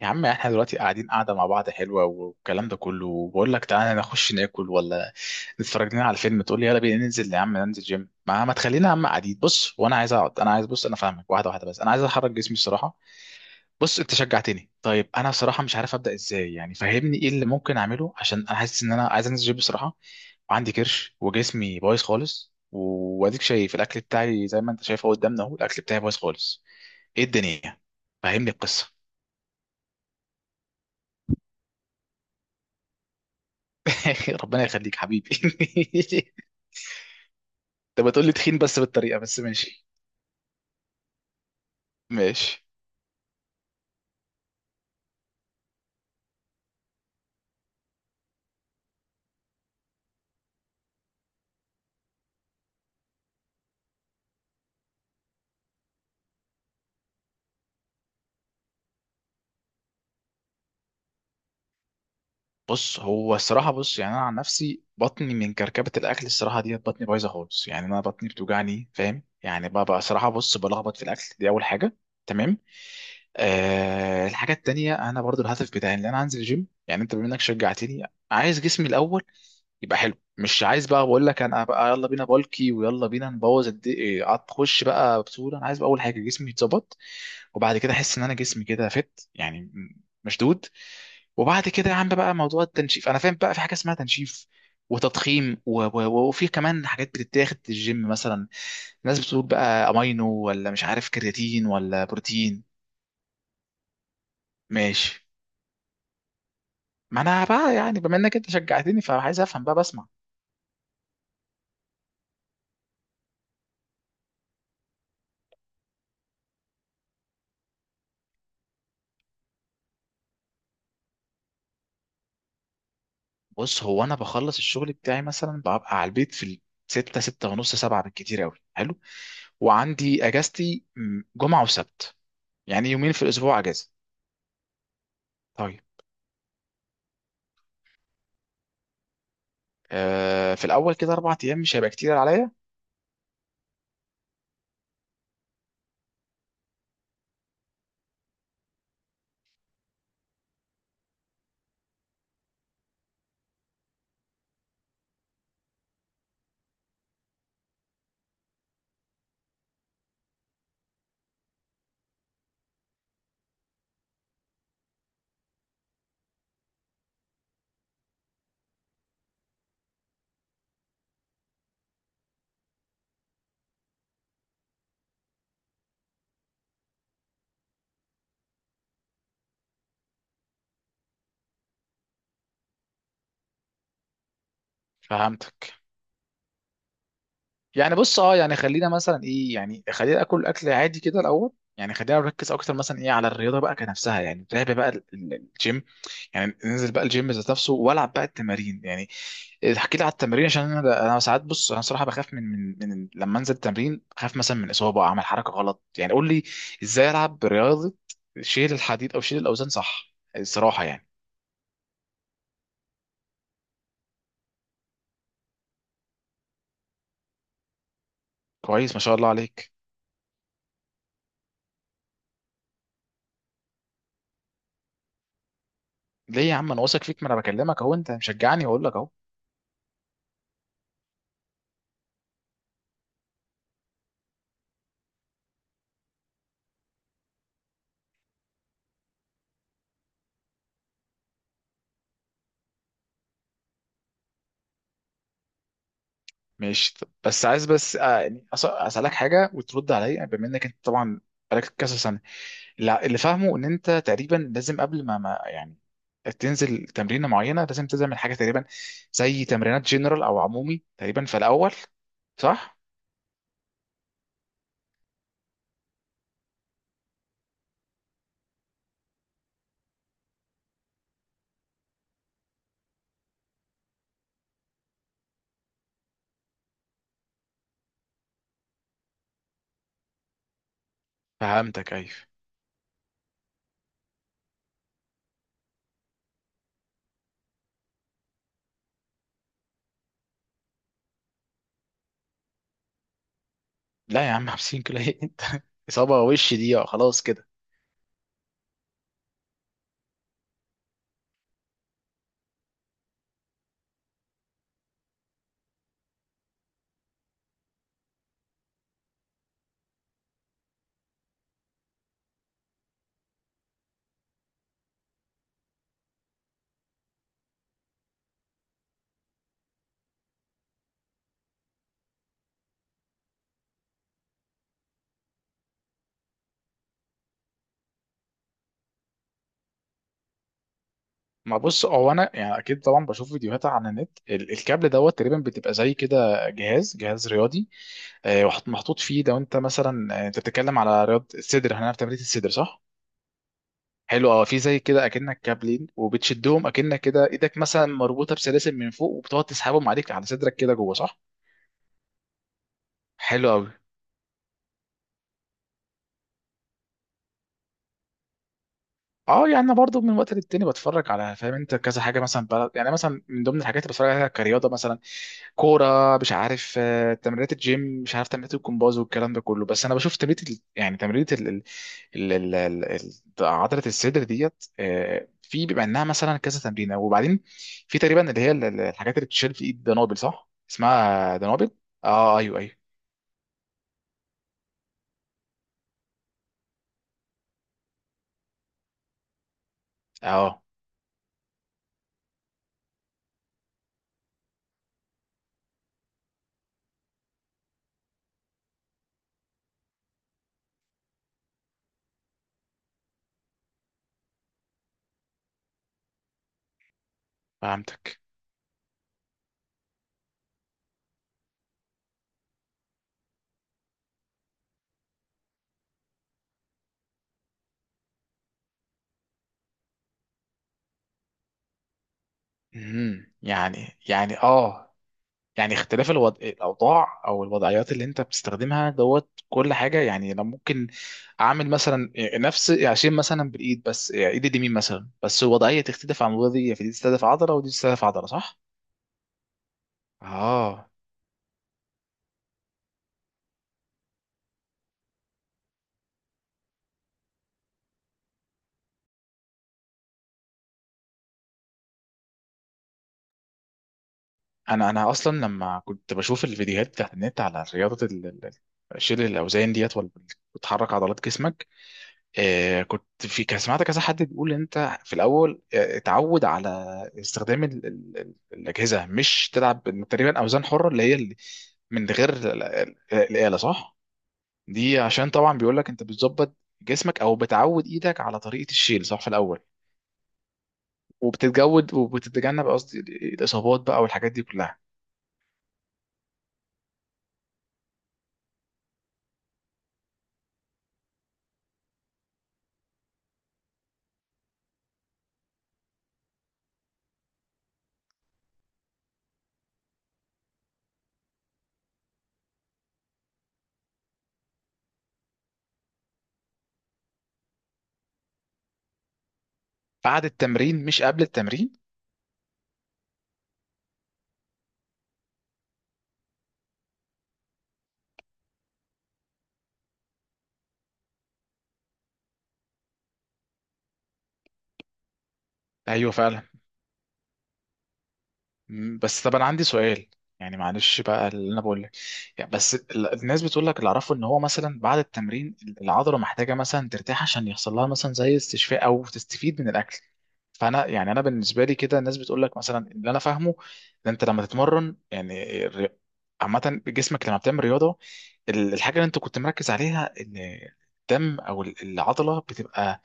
يا عم احنا دلوقتي قاعدين مع بعض حلوه والكلام ده كله، وبقول لك تعالى نخش ناكل ولا نتفرج لنا على فيلم، تقول لي يلا بينا ننزل يا عم ننزل جيم. ما تخلينا يا عم قاعدين. بص، وانا عايز اقعد، انا عايز بص، انا فاهمك واحده واحده، بس انا عايز احرك جسمي الصراحه. بص انت شجعتني. طيب انا صراحه مش عارف ابدا ازاي، يعني فهمني ايه اللي ممكن اعمله، عشان انا حاسس ان انا عايز انزل جيم بصراحه. وعندي كرش وجسمي بايظ خالص، واديك شايف الاكل بتاعي زي ما انت شايفه قدامنا اهو، الاكل بتاعي بايظ خالص. ايه الدنيا؟ فهمني القصه. ربنا يخليك حبيبي. انت بتقول لي تخين بس بالطريقه، بس ماشي. ماشي. بص هو الصراحه، بص يعني انا عن نفسي بطني من كركبه الاكل الصراحه ديت، بطني بايظه خالص. يعني انا بطني بتوجعني، فاهم يعني؟ بقى صراحه، بص، بلخبط في الاكل دي اول حاجه. تمام. الحاجه التانيه، انا برضو الهدف بتاعي ان انا انزل الجيم، يعني انت بما انك شجعتني. عايز جسمي الاول يبقى حلو، مش عايز بقى بقول لك انا بقى يلا بينا بالكي، ويلا بينا نبوظ خش بقى بطوله. انا عايز بقى اول حاجه جسمي يتظبط، وبعد كده احس ان انا جسمي كده فت يعني، مشدود. وبعد كده يا عم بقى موضوع التنشيف، انا فاهم بقى في حاجه اسمها تنشيف وتضخيم وفي كمان حاجات بتتاخد في الجيم مثلا. الناس بتقول بقى امينو، ولا مش عارف كرياتين، ولا بروتين. ماشي. ما انا بقى يعني بما انك انت شجعتني، فعايز افهم بقى، بسمع. بص هو انا بخلص الشغل بتاعي مثلا، ببقى على البيت في الستة، ستة ونص، سبعة بالكتير قوي. حلو. وعندي اجازتي جمعة وسبت، يعني يومين في الاسبوع اجازة. طيب. آه في الاول كده اربع ايام مش هيبقى كتير عليا. فهمتك. يعني بص، اه يعني خلينا مثلا ايه، يعني خلينا اكل اكل عادي كده الاول. يعني خلينا نركز اكتر مثلا ايه على الرياضه بقى كنفسها، يعني نتابع بقى الجيم. يعني ننزل بقى الجيم ذات نفسه، والعب بقى التمارين يعني. احكي لي على التمارين، عشان انا ساعات، بص انا صراحه بخاف من لما انزل التمرين، بخاف مثلا من اصابه، اعمل حركه غلط. يعني قول لي ازاي العب رياضه، شيل الحديد او شيل الاوزان صح الصراحه يعني. كويس ما شاء الله عليك. ليه يا عم، انا واثق فيك، ما انا بكلمك اهو، انت مشجعني واقول لك اهو. ماشي. طب بس عايز بس يعني اسالك حاجه وترد عليا، يعني بما انك انت طبعا بقالك كذا سنه. لا، اللي فاهمه ان انت تقريبا لازم قبل ما يعني تنزل تمرينه معينه، لازم تعمل حاجه تقريبا زي تمرينات جنرال او عمومي تقريبا في الاول، صح؟ فهمتك. ايوه. لا يا عم، 50 كيلو ايه انت؟ اصابه وش دي، خلاص كده. ما بص، هو انا يعني اكيد طبعا بشوف فيديوهات عن النت، الكابل دوت تقريبا بتبقى زي كده جهاز رياضي، محطوط فيه. لو انت مثلا، انت بتتكلم على رياضه الصدر، احنا في تمرين الصدر صح؟ حلو، اه. في زي كده اكنك كابلين وبتشدهم، اكنك كده ايدك مثلا مربوطه بسلاسل من فوق، وبتقعد تسحبهم عليك على صدرك كده جوه، صح؟ حلو قوي. اه يعني انا برضو من وقت للتاني بتفرج على، فاهم انت، كذا حاجه مثلا بلد. يعني مثلا من ضمن الحاجات اللي بتفرج عليها كرياضه مثلا، كوره، مش عارف تمرينات الجيم، مش عارف تمرينات الجمباز، والكلام ده كله. بس انا بشوف تمرينه يعني تمرينه ال- ال- ال- عضله الصدر ديت، في بيبقى انها مثلا كذا تمرينه، وبعدين في تقريبا اللي هي الحاجات اللي بتشيل في الايد، دنابل، صح اسمها دنابل؟ اه ايوه ايوه. اه فهمتك. مهم. يعني يعني اه، يعني اختلاف الوضع الاوضاع او الوضعيات اللي انت بتستخدمها دوت كل حاجه. يعني انا ممكن اعمل مثلا نفس، عشان مثلا بالايد بس، يعني ايد اليمين مثلا بس، الوضعيه تختلف عن الوضعيه، فدي تستهدف عضله ودي تستهدف عضله، صح؟ اه، انا اصلا لما كنت بشوف الفيديوهات بتاعت النت على رياضه شيل الاوزان ديت، ولا بتحرك عضلات جسمك، كنت في كان سمعت كذا حد بيقول ان انت في الاول اتعود على استخدام ال الاجهزه، مش تلعب بال- تقريبا اوزان حره، اللي هي من غير الاله، صح؟ دي عشان طبعا بيقول لك انت بتظبط جسمك، او بتعود ايدك على طريقه الشيل صح في الاول، وبتتجود، وبتتجنب قصدي الاصابات بقى والحاجات دي كلها. بعد التمرين مش قبل التمرين؟ ايوه فعلا. بس طب انا عندي سؤال، يعني معلش بقى اللي انا بقول لك، يعني بس الناس بتقول لك، اللي اعرفه ان هو مثلا بعد التمرين العضله محتاجه مثلا ترتاح، عشان يحصل لها مثلا زي استشفاء او تستفيد من الاكل. فانا يعني انا بالنسبه لي كده، الناس بتقول لك مثلا اللي انا فاهمه ان انت لما تتمرن، يعني عامه جسمك لما بتعمل رياضه، الحاجه اللي انت كنت مركز عليها ان الدم او العضله بتبقى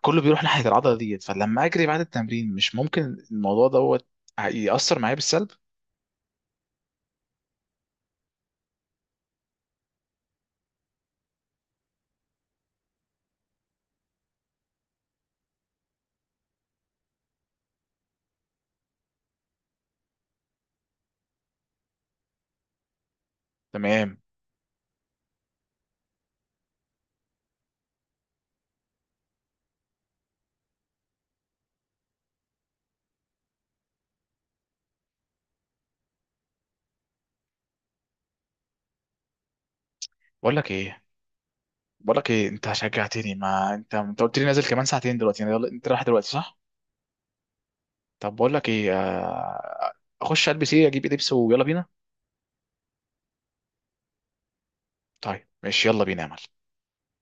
كله بيروح ناحيه العضله ديت، فلما اجري بعد التمرين مش ممكن الموضوع ده هيأثر معايا بالسلب؟ تمام. بقول لك ايه، بقول لك ايه، انت شجعتني ما انت، انت قلت لي نازل كمان ساعتين دلوقتي، يعني يلا، انت رايح دلوقتي صح؟ طب بقول لك ايه، آه، اخش البس ايه، اجيب ايه لبس، ويلا بينا. طيب ماشي، يلا بينا يا معلم.